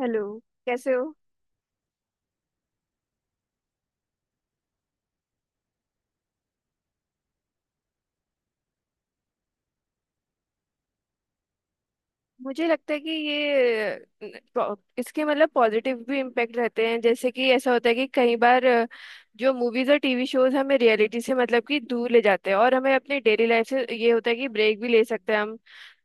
Hello. कैसे हो? मुझे लगता है कि ये इसके मतलब पॉजिटिव भी इम्पैक्ट रहते हैं, जैसे कि ऐसा होता है कि कई बार जो मूवीज और टीवी शोज हमें रियलिटी से मतलब कि दूर ले जाते हैं, और हमें अपनी डेली लाइफ से ये होता है कि ब्रेक भी ले सकते हैं हम।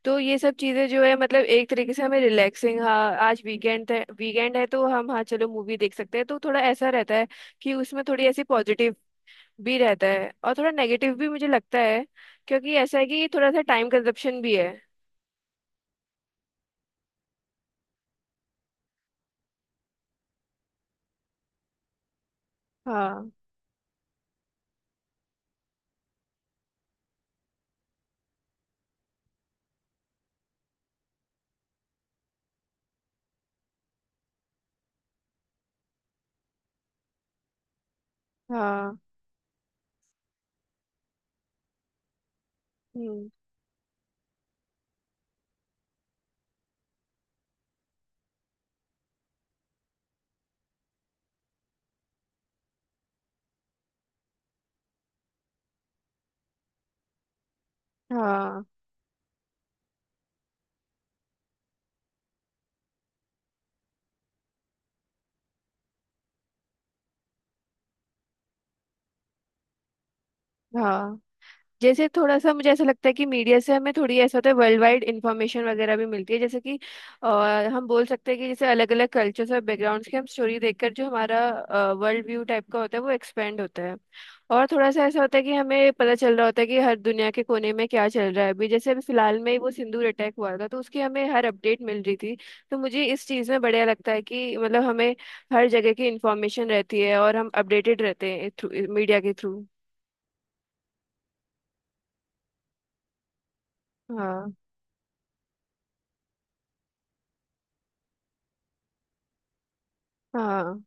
तो ये सब चीज़ें जो है मतलब एक तरीके से हमें रिलैक्सिंग, हाँ आज वीकेंड है, वीकेंड है तो हम हाँ चलो मूवी देख सकते हैं, तो थोड़ा ऐसा रहता है कि उसमें थोड़ी ऐसी पॉजिटिव भी रहता है और थोड़ा नेगेटिव भी, मुझे लगता है। क्योंकि ऐसा है कि थोड़ा सा टाइम कंजप्शन भी है। हाँ। हाँ। हम्म। हाँ। हाँ। जैसे थोड़ा सा मुझे ऐसा लगता है कि मीडिया से हमें थोड़ी ऐसा होता है वर्ल्ड वाइड इंफॉर्मेशन वगैरह भी मिलती है, जैसे कि अ, हम बोल सकते हैं कि जैसे अलग अलग कल्चर्स और बैकग्राउंड्स की हम स्टोरी देखकर जो हमारा वर्ल्ड व्यू टाइप का होता है वो एक्सपेंड होता है। और थोड़ा सा ऐसा होता है कि हमें पता चल रहा होता है कि हर दुनिया के कोने में क्या चल रहा है। अभी जैसे अभी फिलहाल में ही वो सिंदूर अटैक हुआ था, तो उसकी हमें हर अपडेट मिल रही थी। तो मुझे इस चीज़ में बढ़िया लगता है कि मतलब हमें हर जगह की इंफॉर्मेशन रहती है और हम अपडेटेड रहते हैं मीडिया के थ्रू। हाँ। हाँ।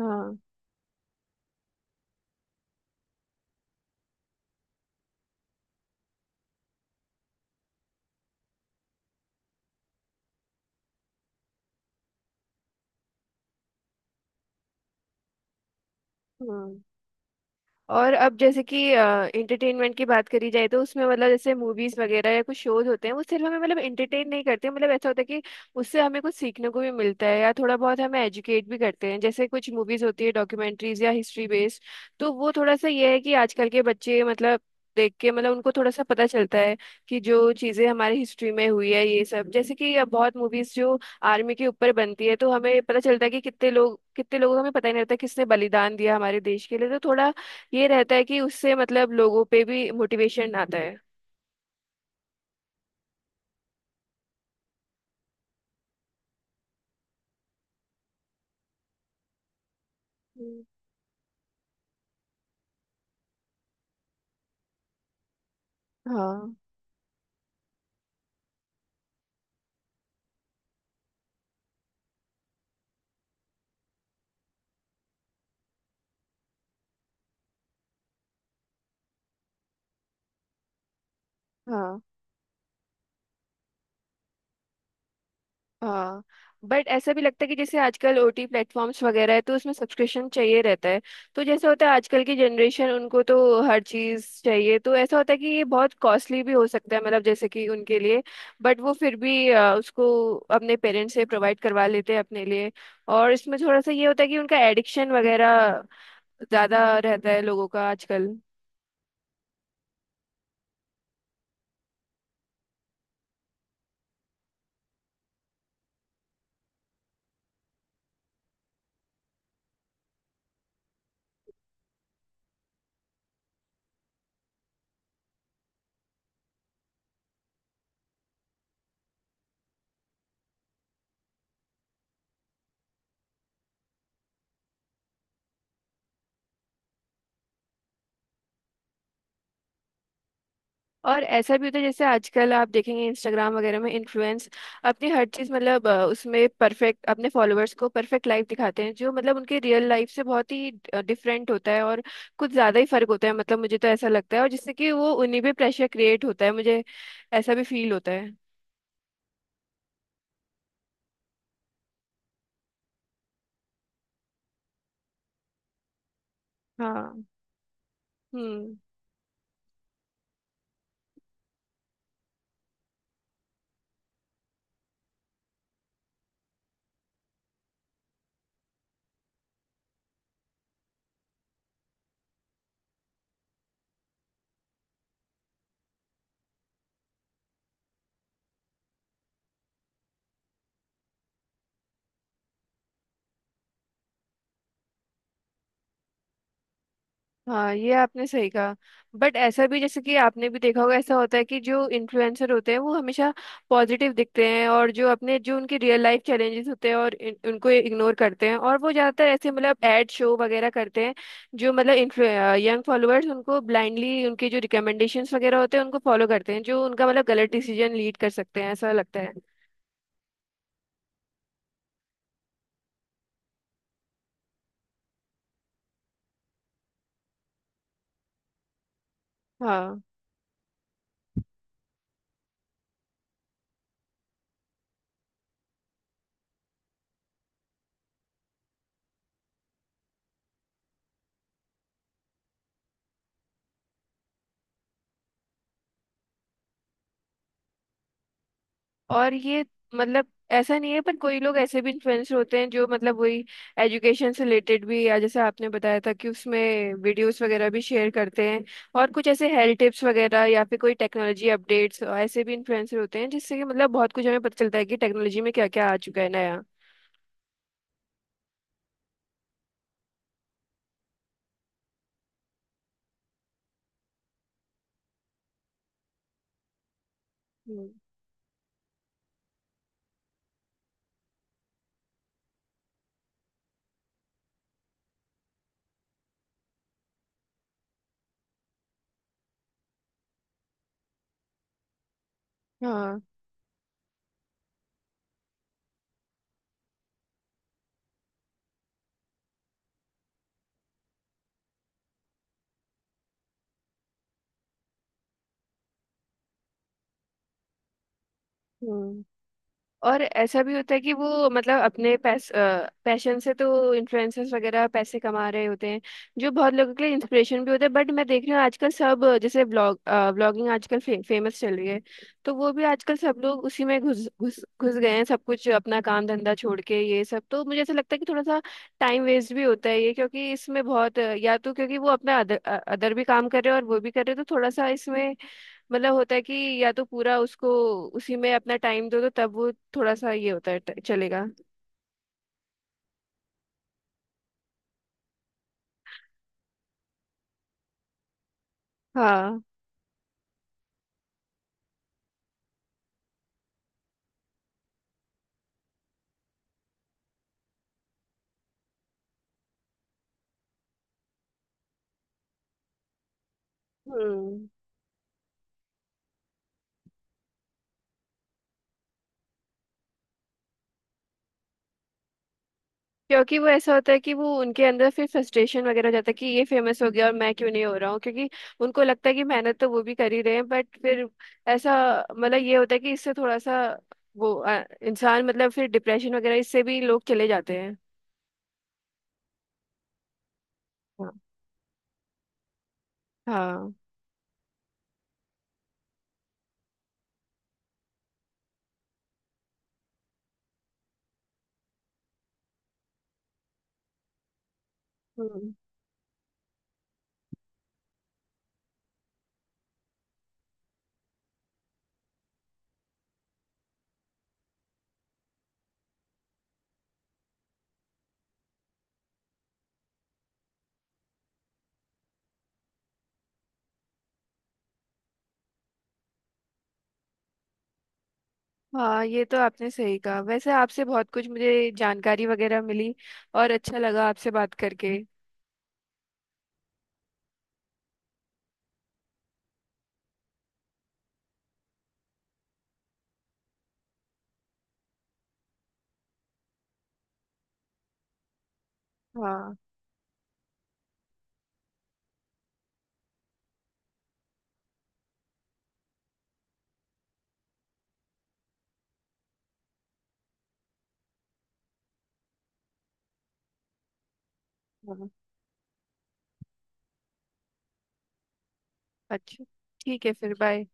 हाँ। हाँ। और अब जैसे कि एंटरटेनमेंट की बात करी जाए, तो उसमें मतलब जैसे मूवीज वगैरह या कुछ शोज होते हैं वो सिर्फ हमें मतलब एंटरटेन नहीं करते, मतलब ऐसा होता है कि उससे हमें कुछ सीखने को भी मिलता है, या थोड़ा बहुत हमें एजुकेट भी करते हैं, जैसे कुछ मूवीज होती है डॉक्यूमेंट्रीज या हिस्ट्री बेस्ड। तो वो थोड़ा सा ये है कि आजकल के बच्चे मतलब देख के मतलब उनको थोड़ा सा पता चलता है कि जो चीजें हमारी हिस्ट्री में हुई है ये सब, जैसे कि अब बहुत मूवीज जो आर्मी के ऊपर बनती है, तो हमें पता चलता है कि कितने लोग, कितने लोगों को हमें पता ही नहीं रहता किसने बलिदान दिया हमारे देश के लिए, तो थोड़ा ये रहता है कि उससे मतलब लोगों पे भी मोटिवेशन आता है। हम्म। हाँ। हाँ। हाँ। बट ऐसा भी लगता है कि जैसे आजकल ओटी प्लेटफॉर्म्स वगैरह है तो उसमें सब्सक्रिप्शन चाहिए रहता है। तो जैसे होता है आजकल की जनरेशन उनको तो हर चीज़ चाहिए, तो ऐसा होता है कि ये बहुत कॉस्टली भी हो सकता है मतलब जैसे कि उनके लिए। बट वो फिर भी उसको अपने पेरेंट्स से प्रोवाइड करवा लेते हैं अपने लिए। और इसमें थोड़ा सा ये होता है कि उनका एडिक्शन वगैरह ज़्यादा रहता है लोगों का आजकल। और ऐसा भी होता है जैसे आजकल आप देखेंगे इंस्टाग्राम वगैरह में इन्फ्लुएंस अपनी हर चीज़ मतलब उसमें परफेक्ट, अपने फॉलोअर्स को परफेक्ट लाइफ दिखाते हैं जो मतलब उनके रियल लाइफ से बहुत ही डिफरेंट होता है, और कुछ ज़्यादा ही फर्क होता है मतलब मुझे तो ऐसा लगता है, और जिससे कि वो उन्हीं पे प्रेशर क्रिएट होता है, मुझे ऐसा भी फील होता है। हाँ। हम्म। हाँ ये आपने सही कहा। बट ऐसा भी जैसे कि आपने भी देखा होगा, ऐसा होता है कि जो इन्फ्लुएंसर होते हैं वो हमेशा पॉजिटिव दिखते हैं, और जो अपने जो उनके रियल लाइफ चैलेंजेस होते हैं उनको इग्नोर करते हैं, और वो ज़्यादातर ऐसे मतलब एड शो वगैरह करते हैं जो मतलब यंग फॉलोअर्स उनको ब्लाइंडली उनके जो रिकमेंडेशंस वगैरह होते हैं उनको फॉलो करते हैं, जो उनका मतलब गलत डिसीजन लीड कर सकते हैं, ऐसा लगता है। हाँ। और ये मतलब ऐसा नहीं है पर कोई लोग ऐसे भी इन्फ्लुएंसर होते हैं जो मतलब वही एजुकेशन से रिलेटेड भी, या जैसे आपने बताया था कि उसमें वीडियोस वगैरह भी शेयर करते हैं, और कुछ ऐसे हेल्थ टिप्स वगैरह या फिर कोई टेक्नोलॉजी अपडेट्स, ऐसे भी इन्फ्लुएंसर होते हैं जिससे कि मतलब बहुत कुछ हमें पता चलता है कि टेक्नोलॉजी में क्या क्या आ चुका है नया। हम्म। हाँ। हम्म। और ऐसा भी होता है कि वो मतलब अपने पैशन से तो इन्फ्लुएंसर्स वगैरह पैसे कमा रहे होते हैं, जो बहुत लोगों के लिए इंस्पिरेशन भी होते हैं। बट मैं देख रही हूँ आजकल सब जैसे ब्लॉगिंग आजकल फेमस चल रही है, तो वो भी आजकल सब लोग उसी में घुस घुस घुस गए हैं, सब कुछ अपना काम धंधा छोड़ के ये सब। तो मुझे ऐसा लगता है कि थोड़ा सा टाइम वेस्ट भी होता है ये, क्योंकि इसमें बहुत या तो क्योंकि वो अपना अदर अदर भी काम कर रहे हैं और वो भी कर रहे हैं, तो थोड़ा सा इसमें मतलब होता है कि या तो पूरा उसको उसी में अपना टाइम दो तो तब वो थोड़ा सा ये होता है चलेगा। हाँ। हम्म। क्योंकि वो ऐसा होता है कि वो उनके अंदर फिर फ्रस्ट्रेशन वगैरह हो जाता है कि ये फेमस हो गया और मैं क्यों नहीं हो रहा हूँ, क्योंकि उनको लगता है कि मेहनत तो वो भी कर ही रहे हैं, बट फिर ऐसा मतलब ये होता है कि इससे थोड़ा सा वो इंसान मतलब फिर डिप्रेशन वगैरह इससे भी लोग चले जाते हैं। हाँ। हाँ। हाँ ये तो आपने सही कहा। वैसे आपसे बहुत कुछ मुझे जानकारी वगैरह मिली और अच्छा लगा आपसे बात करके। हाँ। हाँ। अच्छा, ठीक है फिर, बाय।